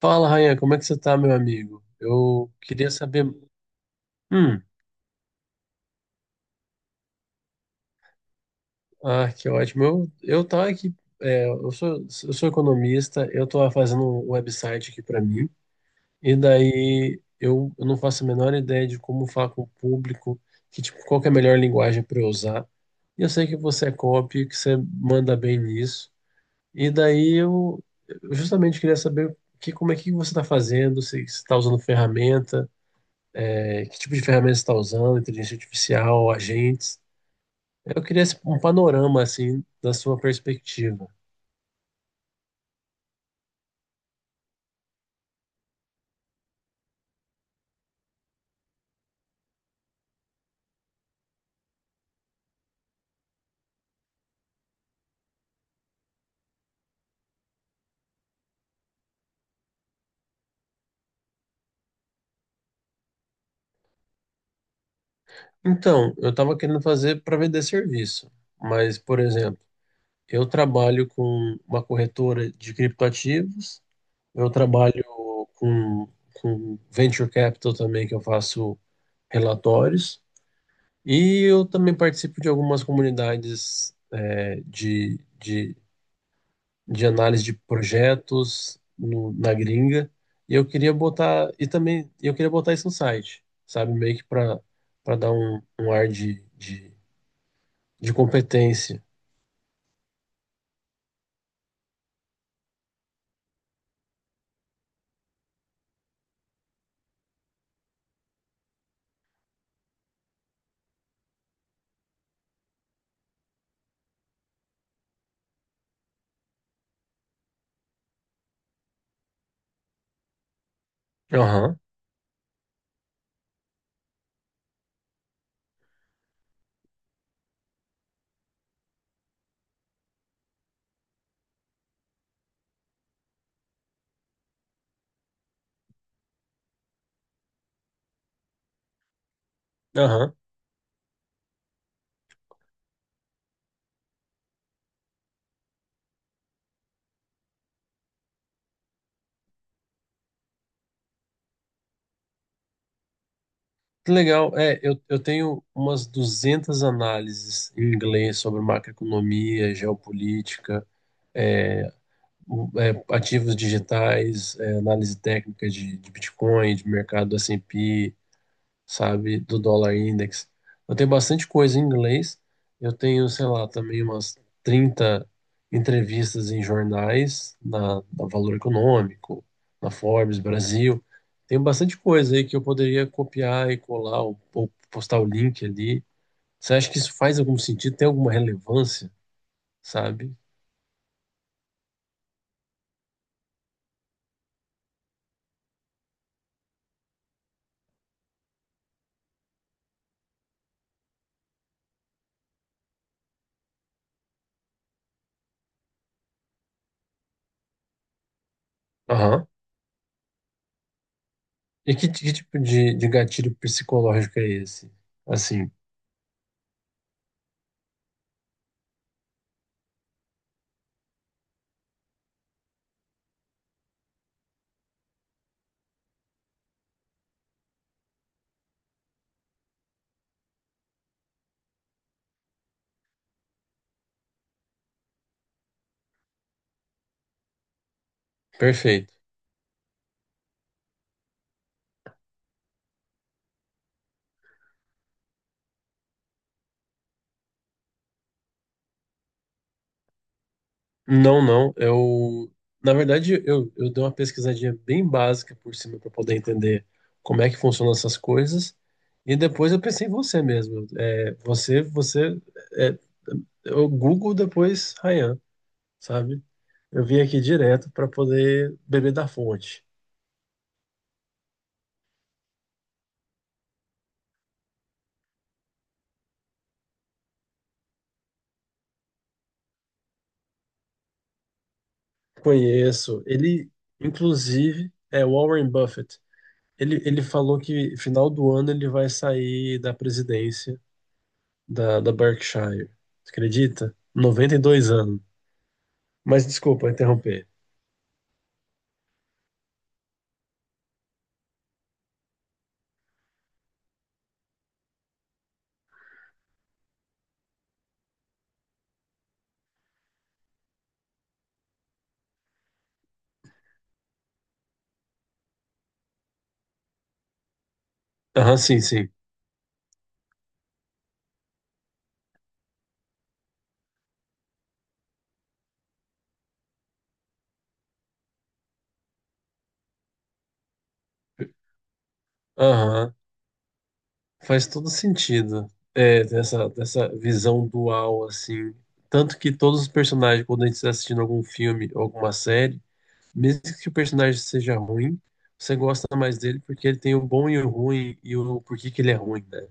Fala, Rayan, como é que você tá, meu amigo? Eu queria saber. Hum, ah, que ótimo. Eu tava aqui, eu sou economista, eu tô fazendo um website aqui para mim, e daí eu não faço a menor ideia de como falar com o público, que, tipo, qual que é a melhor linguagem para eu usar. E eu sei que você é copy, que você manda bem nisso, e daí eu justamente queria saber que, como é que você tá fazendo, se você tá usando ferramenta. É, que tipo de ferramenta está usando, inteligência artificial, agentes? Eu queria um panorama, assim, da sua perspectiva. Então, eu estava querendo fazer para vender serviço, mas, por exemplo, eu trabalho com uma corretora de criptoativos, eu trabalho com, com venture capital também, que eu faço relatórios, e eu também participo de algumas comunidades é, de, de análise de projetos na gringa. E eu queria botar, e também eu queria botar isso no site, sabe? Meio que para para dar um ar de competência. Aham, aham. Que legal. É, eu tenho umas 200 análises em inglês sobre macroeconomia, geopolítica, é, ativos digitais, é, análise técnica de Bitcoin, de mercado S&P, sabe, do dólar index. Eu tenho bastante coisa em inglês. Eu tenho, sei lá, também umas 30 entrevistas em jornais, na Valor Econômico, na Forbes Brasil. Tenho bastante coisa aí que eu poderia copiar e colar ou postar o link ali. Você acha que isso faz algum sentido? Tem alguma relevância, sabe? Aham. E que tipo de gatilho psicológico é esse? Assim, perfeito. Não, não. Na verdade, eu dei uma pesquisadinha bem básica por cima para poder entender como é que funcionam essas coisas. E depois eu pensei em você mesmo. É, você, é, eu Google depois Ryan, sabe? Eu vim aqui direto para poder beber da fonte. Conheço. Ele, inclusive, é Warren Buffett. Ele falou que final do ano ele vai sair da presidência da Berkshire. Você acredita? 92 anos. Mas desculpa interromper. Aham, sim, sim. Aham, faz todo sentido. É, dessa visão dual, assim. Tanto que todos os personagens, quando a gente está assistindo algum filme ou alguma série, mesmo que o personagem seja ruim, você gosta mais dele porque ele tem o bom e o ruim e o porquê que ele é ruim, né?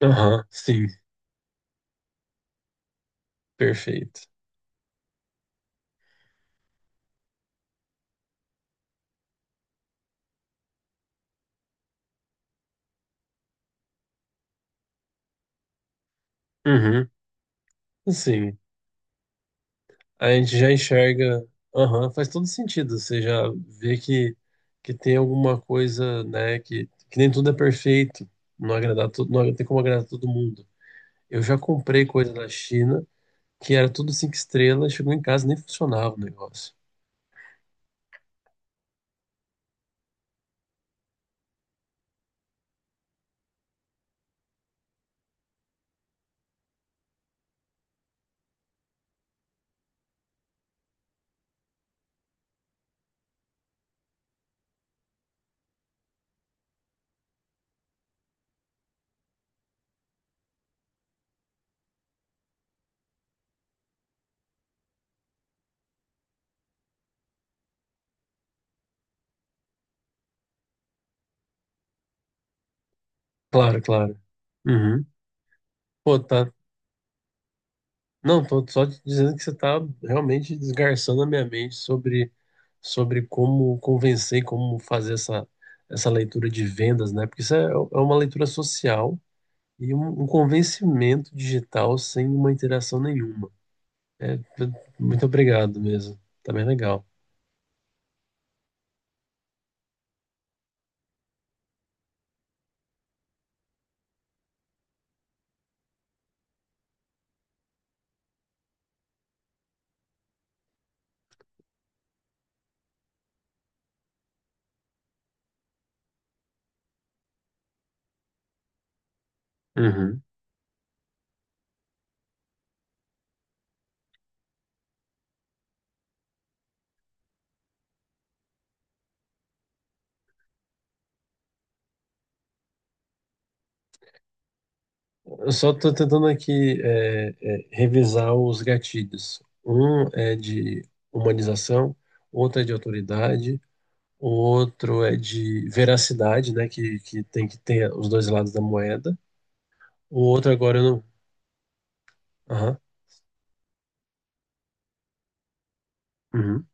Aham, sim, perfeito. Uhum, sim. A gente já enxerga, aham, faz todo sentido. Você já vê que tem alguma coisa, né, que nem tudo é perfeito, não agradar todo, não tem como agradar todo mundo. Eu já comprei coisa da China que era tudo cinco estrelas, chegou em casa e nem funcionava o negócio. Claro, claro. Uhum. Pô, tá. Não, tô só te dizendo que você tá realmente desgarçando a minha mente sobre, sobre como convencer, como fazer essa, essa leitura de vendas, né? Porque isso é é uma leitura social e um convencimento digital sem uma interação nenhuma. É, muito obrigado mesmo. Tá bem legal. Uhum. Eu só tô tentando aqui é, revisar os gatilhos. Um é de humanização, outro é de autoridade, o outro é de veracidade, né? Que tem que ter os dois lados da moeda. O outro agora eu não. Aham. Uhum.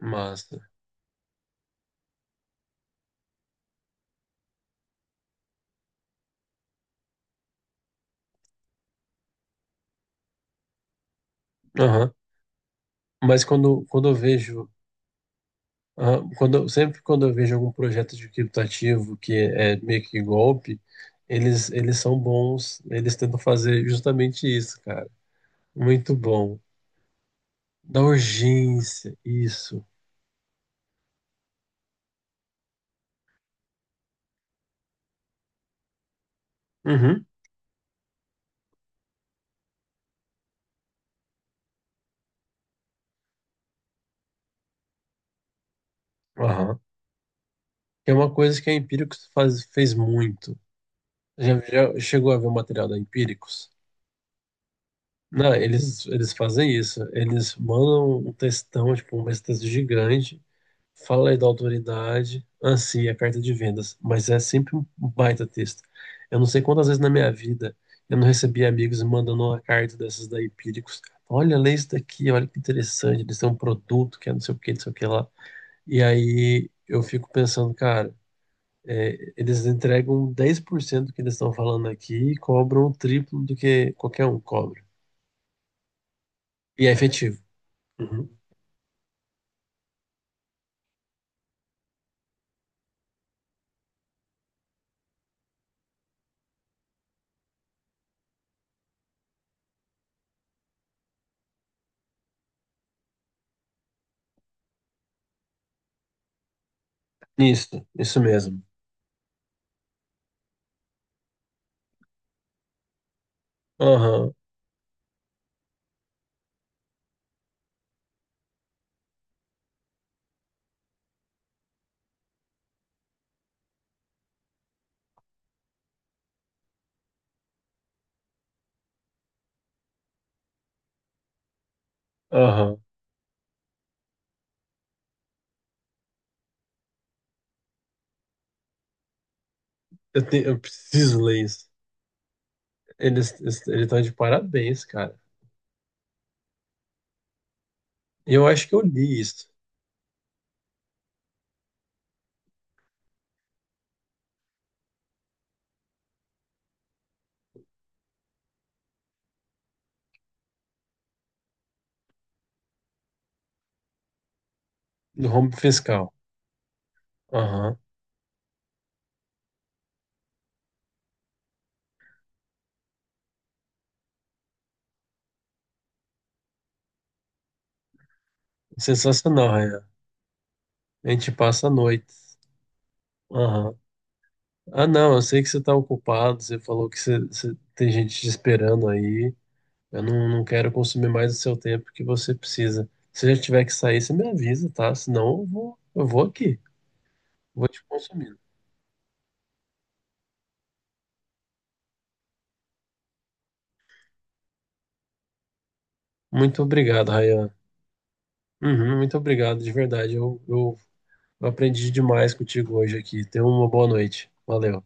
Massa. Aham. Mas quando, quando eu vejo ah, quando, sempre quando eu vejo algum projeto de criptativo que é meio que golpe, eles são bons, eles tentam fazer justamente isso, cara. Muito bom. Da urgência, isso. Uhum. Aham. Que é uma coisa que a Empíricos faz, fez muito. Já, já chegou a ver o material da Empíricos? Não, eles fazem isso. Eles mandam um textão, tipo, um texto gigante. Fala aí da autoridade, anseia a carta de vendas, mas é sempre um baita texto. Eu não sei quantas vezes na minha vida eu não recebi amigos me mandando uma carta dessas da Empíricos. Olha, lê isso daqui, olha que interessante, eles têm um produto que é não sei o que, não sei o que lá. E aí eu fico pensando, cara, é, eles entregam 10% do que eles estão falando aqui e cobram o triplo do que qualquer um cobra. E é efetivo. Uhum. Isso mesmo. Aham, aham. Eu, eu preciso ler isso. Eles estão de parabéns, cara. Eu acho que eu li isso, do rombo fiscal. Aham. Sensacional, Rayan. A gente passa a noite. Aham. Ah, não, eu sei que você tá ocupado, você falou que tem gente te esperando aí. Eu não, não quero consumir mais o seu tempo que você precisa. Se já tiver que sair, você me avisa, tá? Senão eu vou aqui, vou te consumindo. Muito obrigado, Rayan. Uhum, muito obrigado, de verdade. Eu aprendi demais contigo hoje aqui. Tenha uma boa noite. Valeu.